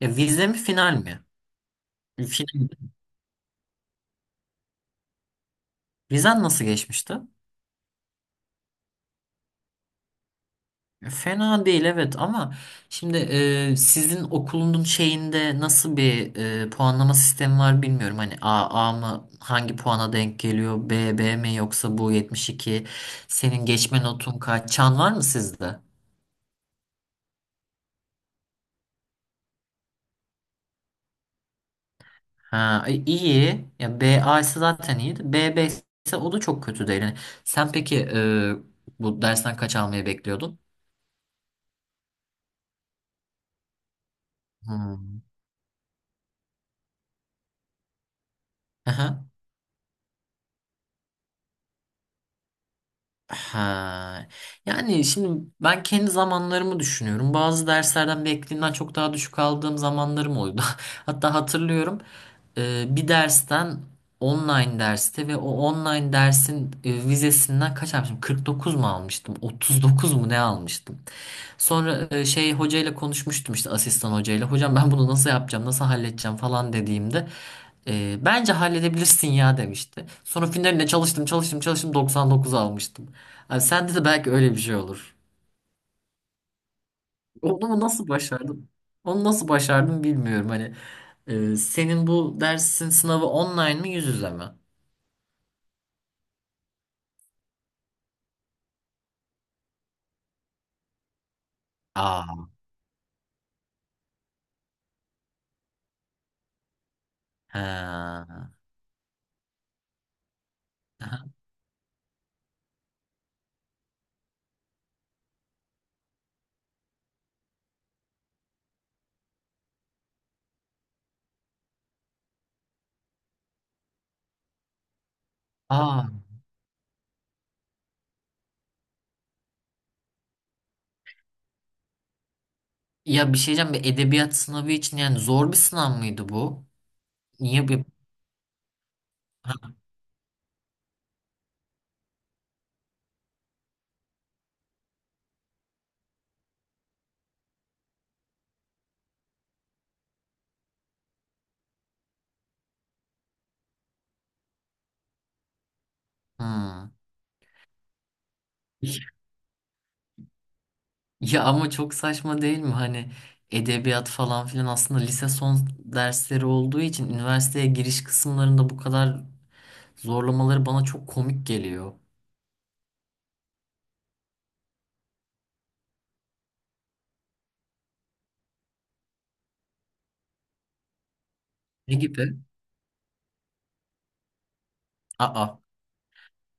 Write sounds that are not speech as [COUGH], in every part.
Ya vize mi final mi? Final. Vizen nasıl geçmişti? Fena değil, evet, ama şimdi sizin okulunun şeyinde nasıl bir puanlama sistemi var bilmiyorum. Hani A, A mı hangi puana denk geliyor? B, B mi, yoksa bu 72? Senin geçme notun kaç? Çan var mı sizde? Ha, iyi. Ya B, A ise zaten iyiydi. B, B ise o da çok kötü değil. Yani sen peki, bu dersten kaç almayı bekliyordun? Hmm. Ha. Yani şimdi ben kendi zamanlarımı düşünüyorum. Bazı derslerden beklediğimden çok daha düşük aldığım zamanlarım oldu. [LAUGHS] Hatta hatırlıyorum, bir dersten, online derste, ve o online dersin vizesinden kaç almıştım? 49 mu almıştım? 39 mu, ne almıştım? Sonra şey, hocayla konuşmuştum, işte asistan hocayla. Hocam, ben bunu nasıl yapacağım, nasıl halledeceğim falan dediğimde, bence halledebilirsin ya demişti. Sonra finaline çalıştım, çalıştım, çalıştım, 99 almıştım. Abi, sende de belki öyle bir şey olur. Onu mu, nasıl başardım? Onu nasıl başardım bilmiyorum. Hani, senin bu dersin sınavı online mi, yüz yüze mi? Aa. He. Aa. Ya bir şey diyeceğim, bir edebiyat sınavı için yani zor bir sınav mıydı bu? Niye bir... Hmm. Ya ama çok saçma değil mi? Hani edebiyat falan filan aslında lise son dersleri olduğu için, üniversiteye giriş kısımlarında bu kadar zorlamaları bana çok komik geliyor. Ne gibi? Aa,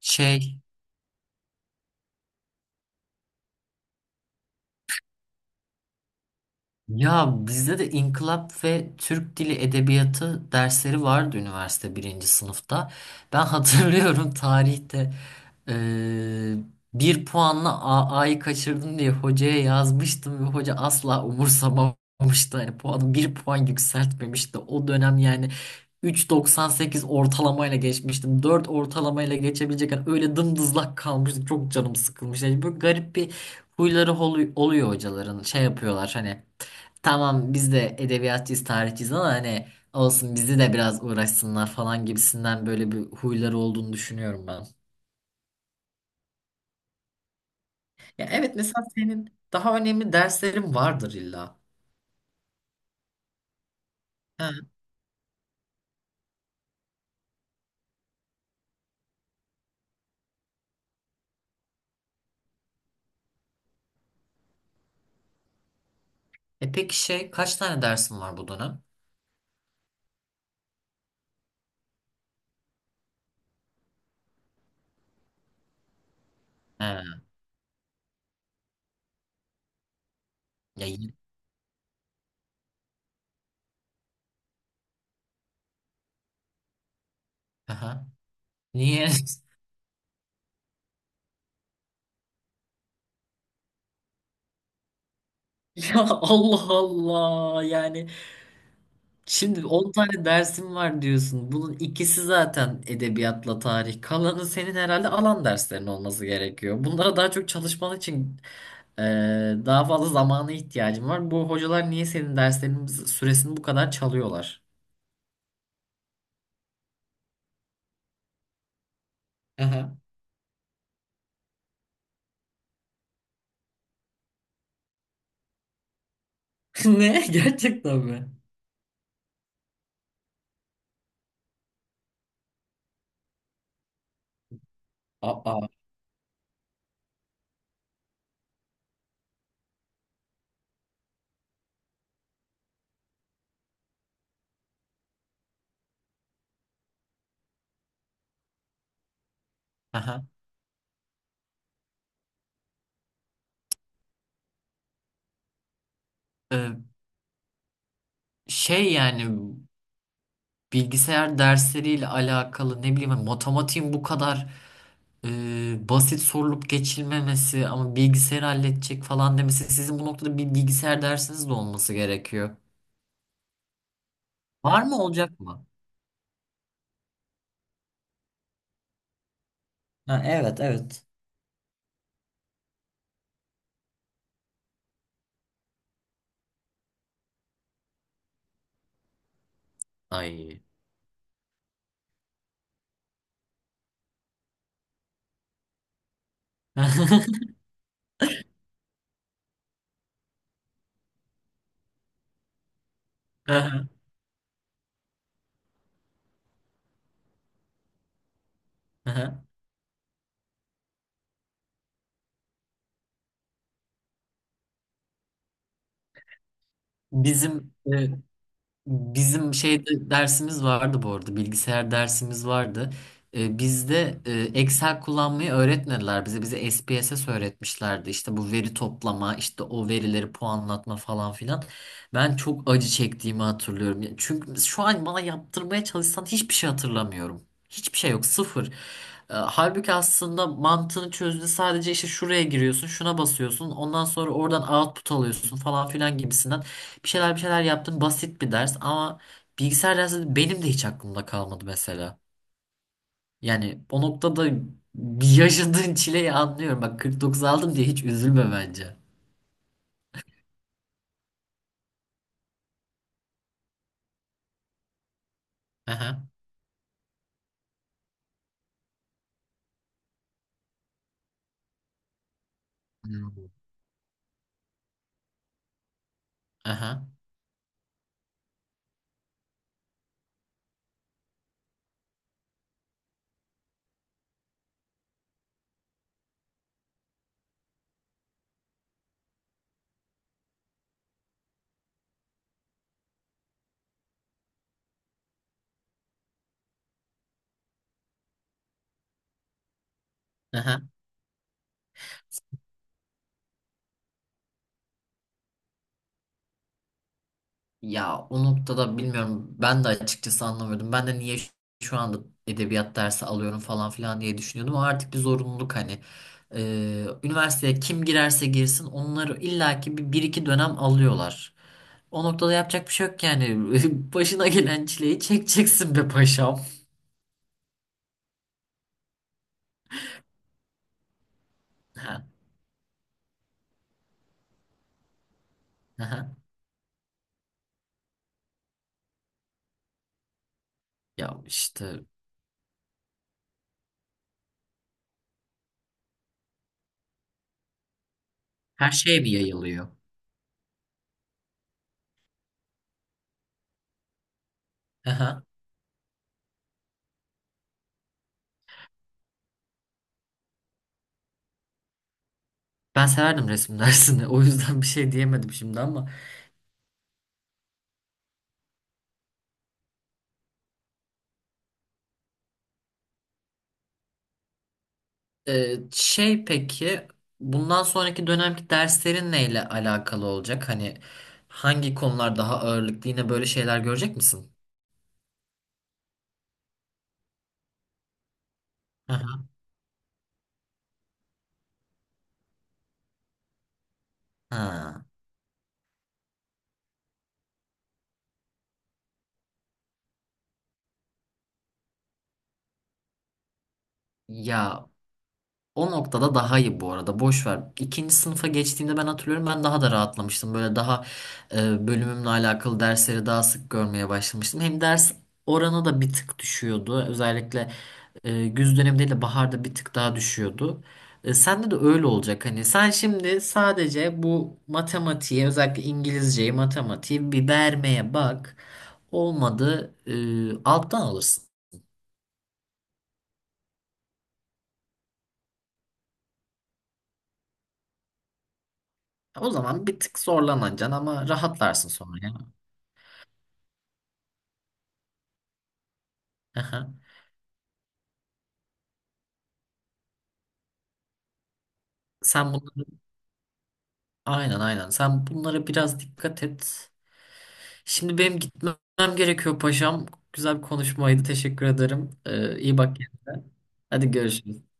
şey. Ya bizde de İnkılap ve Türk Dili Edebiyatı dersleri vardı üniversite birinci sınıfta. Ben hatırlıyorum, [LAUGHS] tarihte, eee, bir puanla AA'yı kaçırdım diye hocaya yazmıştım ve hoca asla umursamamıştı. Yani puanı bir puan yükseltmemişti. O dönem yani 3,98 ortalamayla geçmiştim. Dört ortalamayla geçebilecek yani öyle dımdızlak kalmıştım. Çok canım sıkılmış. Yani böyle garip bir huyları oluyor hocaların. Şey yapıyorlar hani, tamam biz de edebiyatçıyız, tarihçiyiz, ama hani olsun bizi de biraz uğraşsınlar falan gibisinden böyle bir huyları olduğunu düşünüyorum ben. Ya evet, mesela senin daha önemli derslerin vardır illa. Ha. E peki şey, kaç tane dersin var bu dönem? Ha. Ya y- Aha. Niye? [LAUGHS] Ya Allah Allah, yani şimdi 10 tane dersim var diyorsun. Bunun ikisi zaten edebiyatla tarih. Kalanı senin herhalde alan derslerin olması gerekiyor. Bunlara daha çok çalışman için Ee, daha fazla zamana ihtiyacım var. Bu hocalar niye senin derslerinin süresini bu kadar çalıyorlar? Aha. [LAUGHS] Ne? Gerçekten mi? Aa. Aha. Ee, şey yani, bilgisayar dersleriyle alakalı ne bileyim, hani matematiğin bu kadar basit sorulup geçilmemesi ama bilgisayarı halledecek falan demesi, sizin bu noktada bir bilgisayar dersiniz de olması gerekiyor. Var mı, olacak mı? Ha, evet, evet. Ay. [LAUGHS] Aha, aha. Bizim e, bizim şeyde dersimiz vardı, bu arada bilgisayar dersimiz vardı. Bizde Excel kullanmayı öğretmediler bize. Bize SPSS öğretmişlerdi. İşte bu veri toplama, işte o verileri puanlatma falan filan. Ben çok acı çektiğimi hatırlıyorum. Ya çünkü şu an bana yaptırmaya çalışsan hiçbir şey hatırlamıyorum. Hiçbir şey yok, sıfır. Halbuki aslında mantığını çözdü. Sadece işte şuraya giriyorsun, şuna basıyorsun. Ondan sonra oradan output alıyorsun falan filan gibisinden. Bir şeyler bir şeyler yaptım. Basit bir ders ama bilgisayar dersi benim de hiç aklımda kalmadı mesela. Yani o noktada bir yaşadığın çileyi anlıyorum. Bak, 49 aldım diye hiç üzülme bence. Aha. Hmm. Aha. Aha. Ya o noktada bilmiyorum. Ben de açıkçası anlamıyordum. Ben de niye şu anda edebiyat dersi alıyorum falan filan diye düşünüyordum. Ama artık bir zorunluluk hani. Üniversiteye kim girerse girsin onları illaki bir iki dönem alıyorlar. O noktada yapacak bir şey yok yani. [LAUGHS] Başına gelen çileyi çekeceksin be paşam. Ha, aha. Ya işte, her şeye bir yayılıyor? Aha. Ben severdim resim dersini. [LAUGHS] O yüzden bir şey diyemedim şimdi ama. Şey peki, bundan sonraki dönemki derslerin neyle alakalı olacak? Hani hangi konular daha ağırlıklı, yine böyle şeyler görecek misin? Aha. Ha. Ya o noktada daha iyi, bu arada. Boş ver. İkinci sınıfa geçtiğimde ben hatırlıyorum, ben daha da rahatlamıştım. Böyle daha bölümümle alakalı dersleri daha sık görmeye başlamıştım. Hem ders oranı da bir tık düşüyordu. Özellikle güz dönemi değil de baharda bir tık daha düşüyordu. Sende de öyle olacak. Hani sen şimdi sadece bu matematiğe, özellikle İngilizceyi, matematiği bir vermeye bak. Olmadı alttan alırsın. O zaman bir tık zorlanacaksın ama rahatlarsın sonra. Yani. [LAUGHS] Sen bunları, aynen aynen. Sen bunlara biraz dikkat et. Şimdi benim gitmem gerekiyor paşam. Güzel bir konuşmaydı, teşekkür ederim. İyi bak kendine. Hadi görüşürüz.